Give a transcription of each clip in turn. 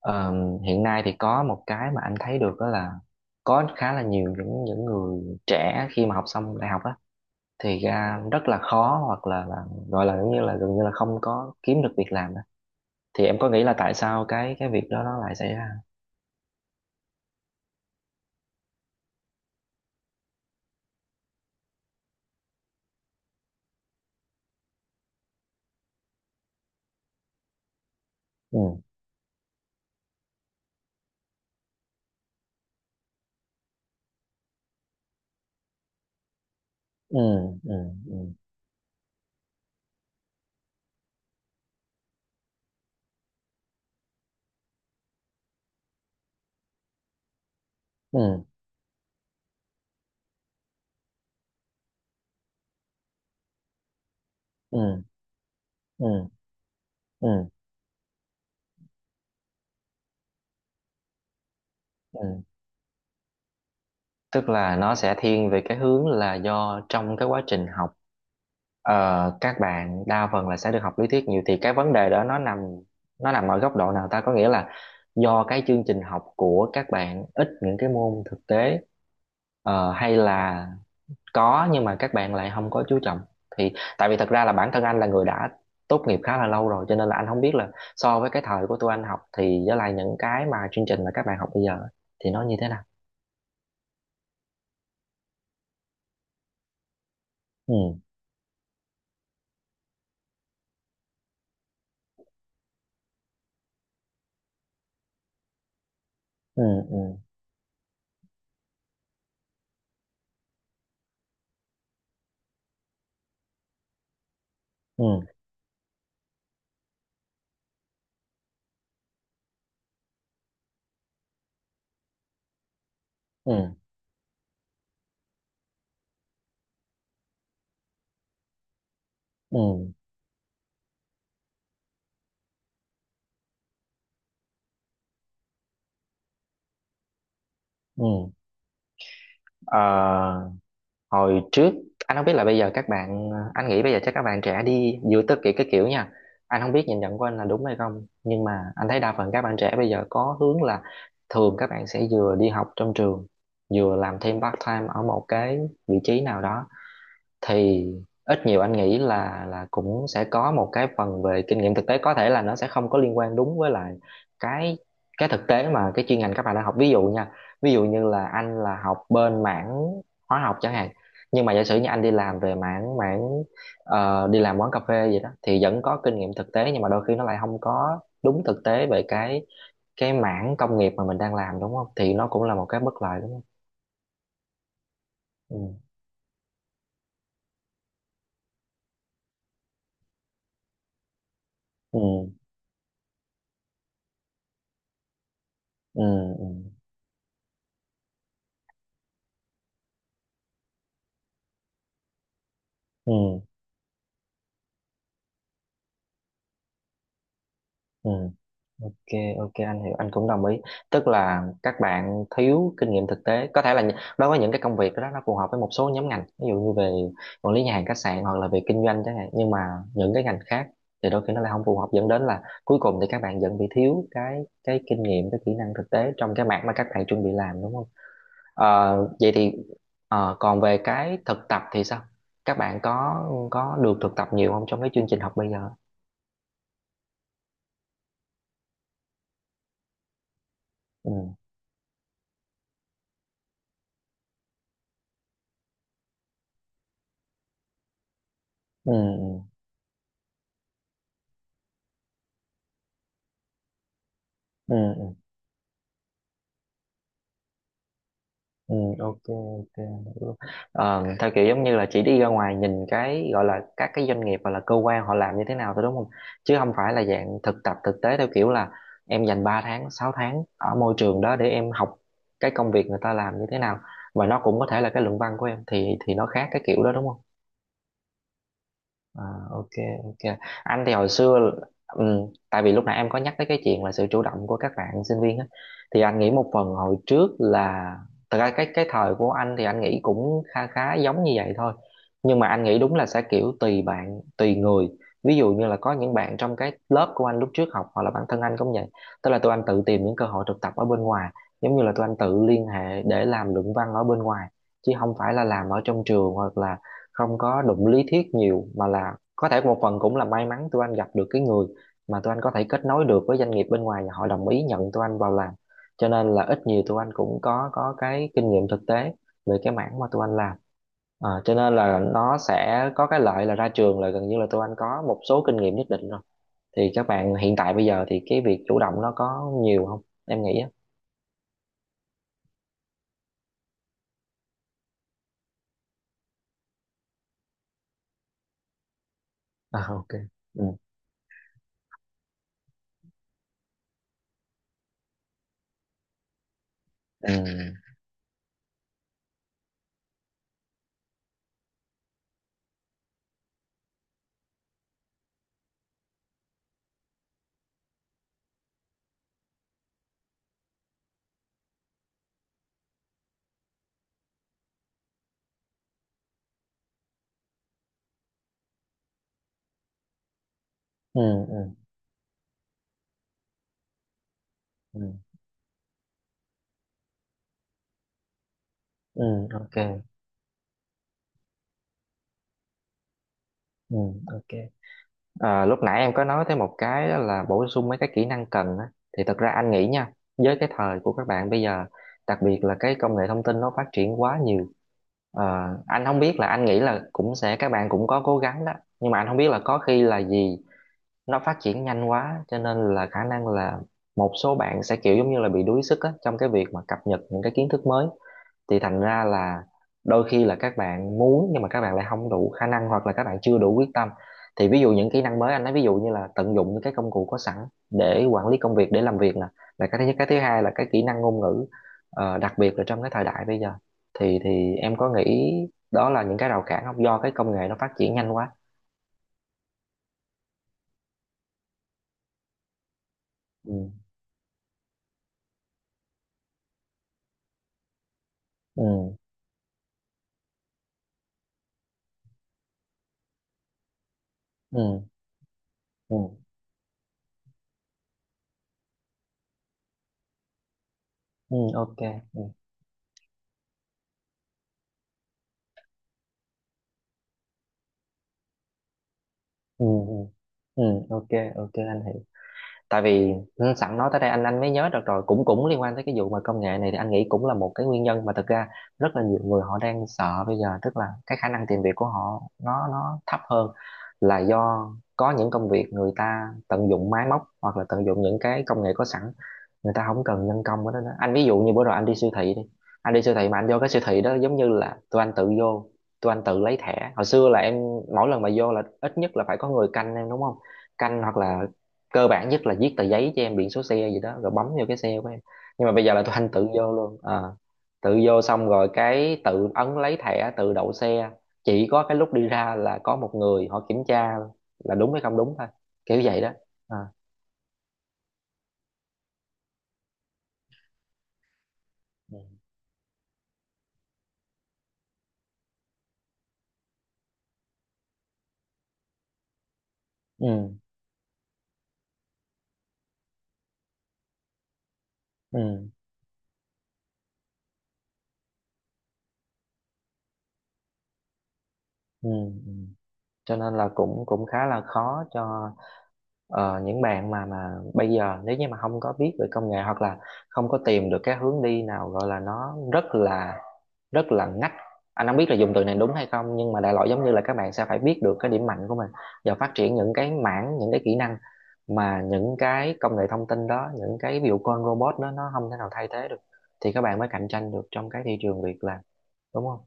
Ờ, hiện nay thì có một cái mà anh thấy được đó là có khá là nhiều những người trẻ khi mà học xong đại học á thì ra rất là khó hoặc là gọi là giống như là gần như là không có kiếm được việc làm đó. Thì em có nghĩ là tại sao cái việc đó nó lại xảy ra? Ừ. Ừ. Ừ. Ừ. Ừ. Ừ. Ừ. Ừ. Ừ. Tức là nó sẽ thiên về cái hướng là do trong cái quá trình học, ờ, các bạn đa phần là sẽ được học lý thuyết nhiều. Thì cái vấn đề đó nó nằm ở góc độ nào ta, có nghĩa là do cái chương trình học của các bạn ít những cái môn thực tế, hay là có nhưng mà các bạn lại không có chú trọng? Thì tại vì thật ra là bản thân anh là người đã tốt nghiệp khá là lâu rồi, cho nên là anh không biết là so với cái thời của tụi anh học thì với lại những cái mà chương trình mà các bạn học bây giờ thì nó như thế nào. Ừ. Ừ. Ừ. Ừ. Ừ. Ừ. Ừ. Ờ, Hồi trước anh không biết là bây giờ các bạn, anh nghĩ bây giờ chắc các bạn trẻ đi giữa tất kỷ cái kiểu nha. Anh không biết nhìn nhận của anh là đúng hay không, nhưng mà anh thấy đa phần các bạn trẻ bây giờ có hướng là thường các bạn sẽ vừa đi học trong trường, vừa làm thêm part time ở một cái vị trí nào đó. Thì ít nhiều anh nghĩ là cũng sẽ có một cái phần về kinh nghiệm thực tế, có thể là nó sẽ không có liên quan đúng với lại cái cái thực tế mà cái chuyên ngành các bạn đang học. Ví dụ nha, ví dụ như là anh là học bên mảng hóa học chẳng hạn, nhưng mà giả sử như anh đi làm về mảng mảng đi làm quán cà phê gì đó, thì vẫn có kinh nghiệm thực tế nhưng mà đôi khi nó lại không có đúng thực tế về cái mảng công nghiệp mà mình đang làm, đúng không? Thì nó cũng là một cái bất lợi, đúng không? Ừ. Ừ. Ừ. Ừ. Ừ, ừ. Ok, ok, anh hiểu, anh cũng đồng ý. Tức là các bạn thiếu kinh nghiệm thực tế. Có thể là đối với những cái công việc đó nó phù hợp với một số nhóm ngành, ví dụ như về quản lý nhà hàng khách sạn hoặc là về kinh doanh chẳng hạn, nhưng mà những cái ngành khác thì đôi khi nó lại không phù hợp, dẫn đến là cuối cùng thì các bạn vẫn bị thiếu cái kinh nghiệm, cái kỹ năng thực tế trong cái mảng mà các bạn chuẩn bị làm, đúng không? Vậy thì, còn về cái thực tập thì sao? Các bạn có được thực tập nhiều không trong cái chương trình học bây giờ? Ừ. Ừ. Ừ. Ừ. Ừ. Ừ, ok, ok, hiểu. Theo kiểu giống như là chỉ đi ra ngoài nhìn cái, gọi là các cái doanh nghiệp hoặc là cơ quan họ làm như thế nào thôi, đúng không? Chứ không phải là dạng thực tập thực tế theo kiểu là em dành 3 tháng 6 tháng ở môi trường đó để em học cái công việc người ta làm như thế nào, và nó cũng có thể là cái luận văn của em. Thì nó khác cái kiểu đó đúng không? À, ok, ok. Anh thì hồi xưa, tại vì lúc nãy em có nhắc tới cái chuyện là sự chủ động của các bạn sinh viên á, thì anh nghĩ một phần hồi trước là, thật ra cái thời của anh thì anh nghĩ cũng khá khá giống như vậy thôi. Nhưng mà anh nghĩ đúng là sẽ kiểu tùy bạn tùy người. Ví dụ như là có những bạn trong cái lớp của anh lúc trước học, hoặc là bản thân anh cũng vậy, tức là tụi anh tự tìm những cơ hội thực tập ở bên ngoài. Giống như là tụi anh tự liên hệ để làm luận văn ở bên ngoài chứ không phải là làm ở trong trường, hoặc là không có đụng lý thuyết nhiều, mà là có thể một phần cũng là may mắn tụi anh gặp được cái người mà tụi anh có thể kết nối được với doanh nghiệp bên ngoài và họ đồng ý nhận tụi anh vào làm. Cho nên là ít nhiều tụi anh cũng có cái kinh nghiệm thực tế về cái mảng mà tụi anh làm. Cho nên là nó sẽ có cái lợi là ra trường là gần như là tụi anh có một số kinh nghiệm nhất định rồi. Thì các bạn hiện tại bây giờ thì cái việc chủ động nó có nhiều không em nghĩ á? À, ok. Ừ. Ừ. Ừ. Ừ. Ừ. Ừ. Ok. Ừ, ok. À, lúc nãy em có nói tới một cái đó là bổ sung mấy cái kỹ năng cần á. Thì thật ra anh nghĩ nha, với cái thời của các bạn bây giờ, đặc biệt là cái công nghệ thông tin nó phát triển quá nhiều. Ờ, anh không biết là, anh nghĩ là cũng sẽ các bạn cũng có cố gắng đó, nhưng mà anh không biết là có khi là gì nó phát triển nhanh quá, cho nên là khả năng là một số bạn sẽ kiểu giống như là bị đuối sức á, trong cái việc mà cập nhật những cái kiến thức mới. Thì thành ra là đôi khi là các bạn muốn nhưng mà các bạn lại không đủ khả năng, hoặc là các bạn chưa đủ quyết tâm. Thì ví dụ những kỹ năng mới anh nói, ví dụ như là tận dụng những cái công cụ có sẵn để quản lý công việc, để làm việc nè, là cái thứ nhất. Cái thứ hai là cái kỹ năng ngôn ngữ, đặc biệt là trong cái thời đại bây giờ. Thì em có nghĩ đó là những cái rào cản không, do cái công nghệ nó phát triển nhanh quá? Ừ. Ừ. Ừ. Ừ, ừ, ok. Ừ. Ừ. Ừ, ừ, ok, ok, anh hiểu. Tại vì, sẵn nói tới đây anh mới nhớ được rồi, cũng cũng liên quan tới cái vụ mà công nghệ này, thì anh nghĩ cũng là một cái nguyên nhân mà thực ra rất là nhiều người họ đang sợ bây giờ. Tức là cái khả năng tìm việc của họ nó thấp hơn là do có những công việc người ta tận dụng máy móc hoặc là tận dụng những cái công nghệ có sẵn, người ta không cần nhân công ở đó nữa. Anh ví dụ như bữa rồi anh đi siêu thị đi, anh đi siêu thị mà anh vô cái siêu thị đó, giống như là tụi anh tự vô, tụi anh tự lấy thẻ. Hồi xưa là em, mỗi lần mà vô là ít nhất là phải có người canh em, đúng không? Canh, hoặc là cơ bản nhất là viết tờ giấy cho em biển số xe gì đó rồi bấm vô cái xe của em. Nhưng mà bây giờ là tụi anh tự vô luôn à, tự vô xong rồi cái tự ấn lấy thẻ, tự đậu xe. Chỉ có cái lúc đi ra là có một người họ kiểm tra là đúng hay không đúng thôi, kiểu vậy đó à. Ừ. Ừ. Ừ. Ừ. Ừ. Cho nên là cũng cũng khá là khó cho những bạn mà bây giờ nếu như mà không có biết về công nghệ, hoặc là không có tìm được cái hướng đi nào, gọi là nó rất là ngách. Anh không biết là dùng từ này đúng hay không, nhưng mà đại loại giống như là các bạn sẽ phải biết được cái điểm mạnh của mình và phát triển những cái mảng, những cái kỹ năng mà những cái công nghệ thông tin đó, những cái ví dụ con robot đó nó không thể nào thay thế được. Thì các bạn mới cạnh tranh được trong cái thị trường việc làm, đúng không?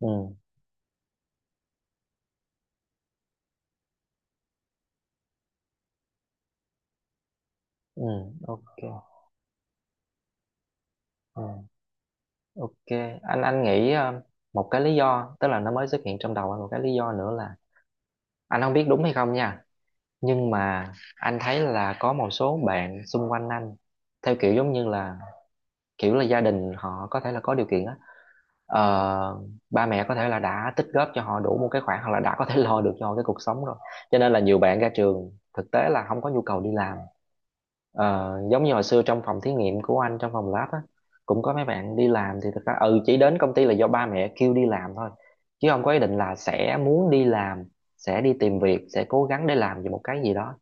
Ừ. Ừ. Ok. Ừ. Ok, anh nghĩ, một cái lý do, tức là nó mới xuất hiện trong đầu anh một cái lý do nữa là, anh không biết đúng hay không nha, nhưng mà anh thấy là có một số bạn xung quanh anh theo kiểu giống như là kiểu là gia đình họ có thể là có điều kiện á. Ờ, Ba mẹ có thể là đã tích góp cho họ đủ một cái khoản hoặc là đã có thể lo được cho họ cái cuộc sống rồi, cho nên là nhiều bạn ra trường thực tế là không có nhu cầu đi làm. Ờ, Giống như hồi xưa trong phòng thí nghiệm của anh, trong phòng lab á, cũng có mấy bạn đi làm, thì thực ra ừ chỉ đến công ty là do ba mẹ kêu đi làm thôi, chứ không có ý định là sẽ muốn đi làm, sẽ đi tìm việc, sẽ cố gắng để làm về một cái gì đó.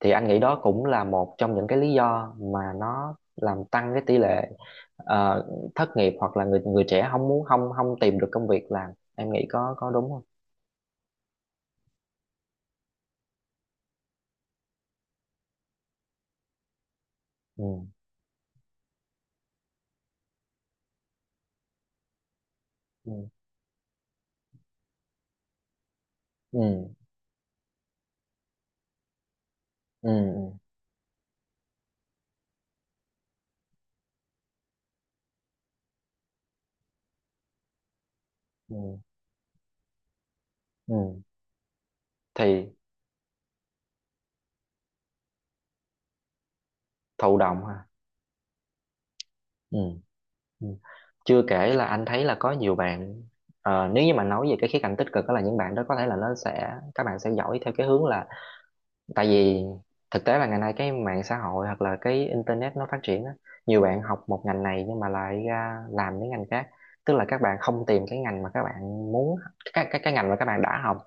Thì anh nghĩ đó cũng là một trong những cái lý do mà nó làm tăng cái tỷ lệ ờ, thất nghiệp, hoặc là người người trẻ không muốn, không không tìm được công việc làm. Em nghĩ có đúng không? Ừ. Ừ. Ừ. Ừ. Ừ, ừ. Ừ. Thì thụ động ha. Ừ. Ừ. Chưa kể là anh thấy là có nhiều bạn, nếu như mà nói về cái khía cạnh tích cực đó là những bạn đó có thể là nó sẽ, các bạn sẽ giỏi theo cái hướng là, tại vì thực tế là ngày nay cái mạng xã hội hoặc là cái internet nó phát triển á, nhiều bạn học một ngành này nhưng mà lại ra làm những ngành khác. Tức là các bạn không tìm cái ngành mà các bạn muốn, cái ngành mà các bạn đã học,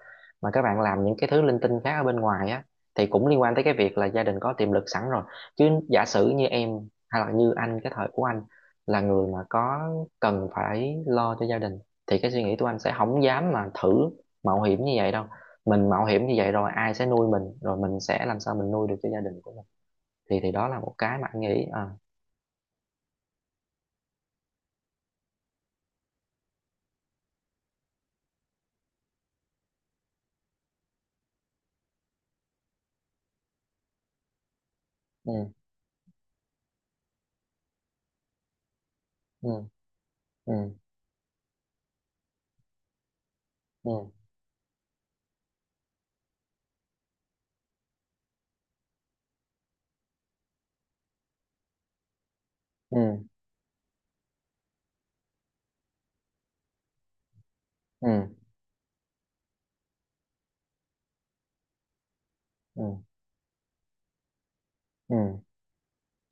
mà các bạn làm những cái thứ linh tinh khác ở bên ngoài á. Thì cũng liên quan tới cái việc là gia đình có tiềm lực sẵn rồi. Chứ giả sử như em, hay là như anh, cái thời của anh là người mà có, cần phải lo cho gia đình, thì cái suy nghĩ của anh sẽ không dám mà thử mạo hiểm như vậy đâu. Mình mạo hiểm như vậy rồi ai sẽ nuôi mình, rồi mình sẽ làm sao mình nuôi được cho gia đình của mình? Thì đó là một cái mà anh nghĩ à. Ừ. Ừ. Ừ. Ừ. Ừ. Ừ. Ừ. Ừ.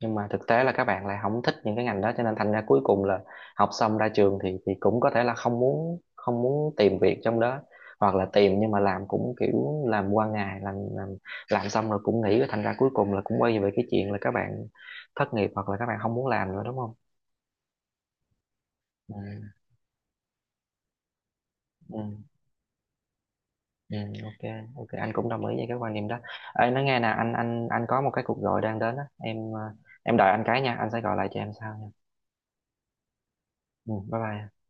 Nhưng mà thực tế là các bạn lại không thích những cái ngành đó, cho nên thành ra cuối cùng là học xong ra trường thì cũng có thể là không muốn, không muốn tìm việc trong đó, hoặc là tìm nhưng mà làm cũng kiểu làm qua ngày, làm xong rồi cũng nghỉ. Thành ra cuối cùng là cũng quay về cái chuyện là các bạn thất nghiệp hoặc là các bạn không muốn làm nữa, đúng không? Ừ. Ừ. Ừ, ok, ok, anh cũng đồng ý với cái quan điểm đó. Ê, nói nghe nè, anh có một cái cuộc gọi đang đến á em, em đợi anh cái nha, anh sẽ gọi lại cho em sau nha. Ừ, bye bye.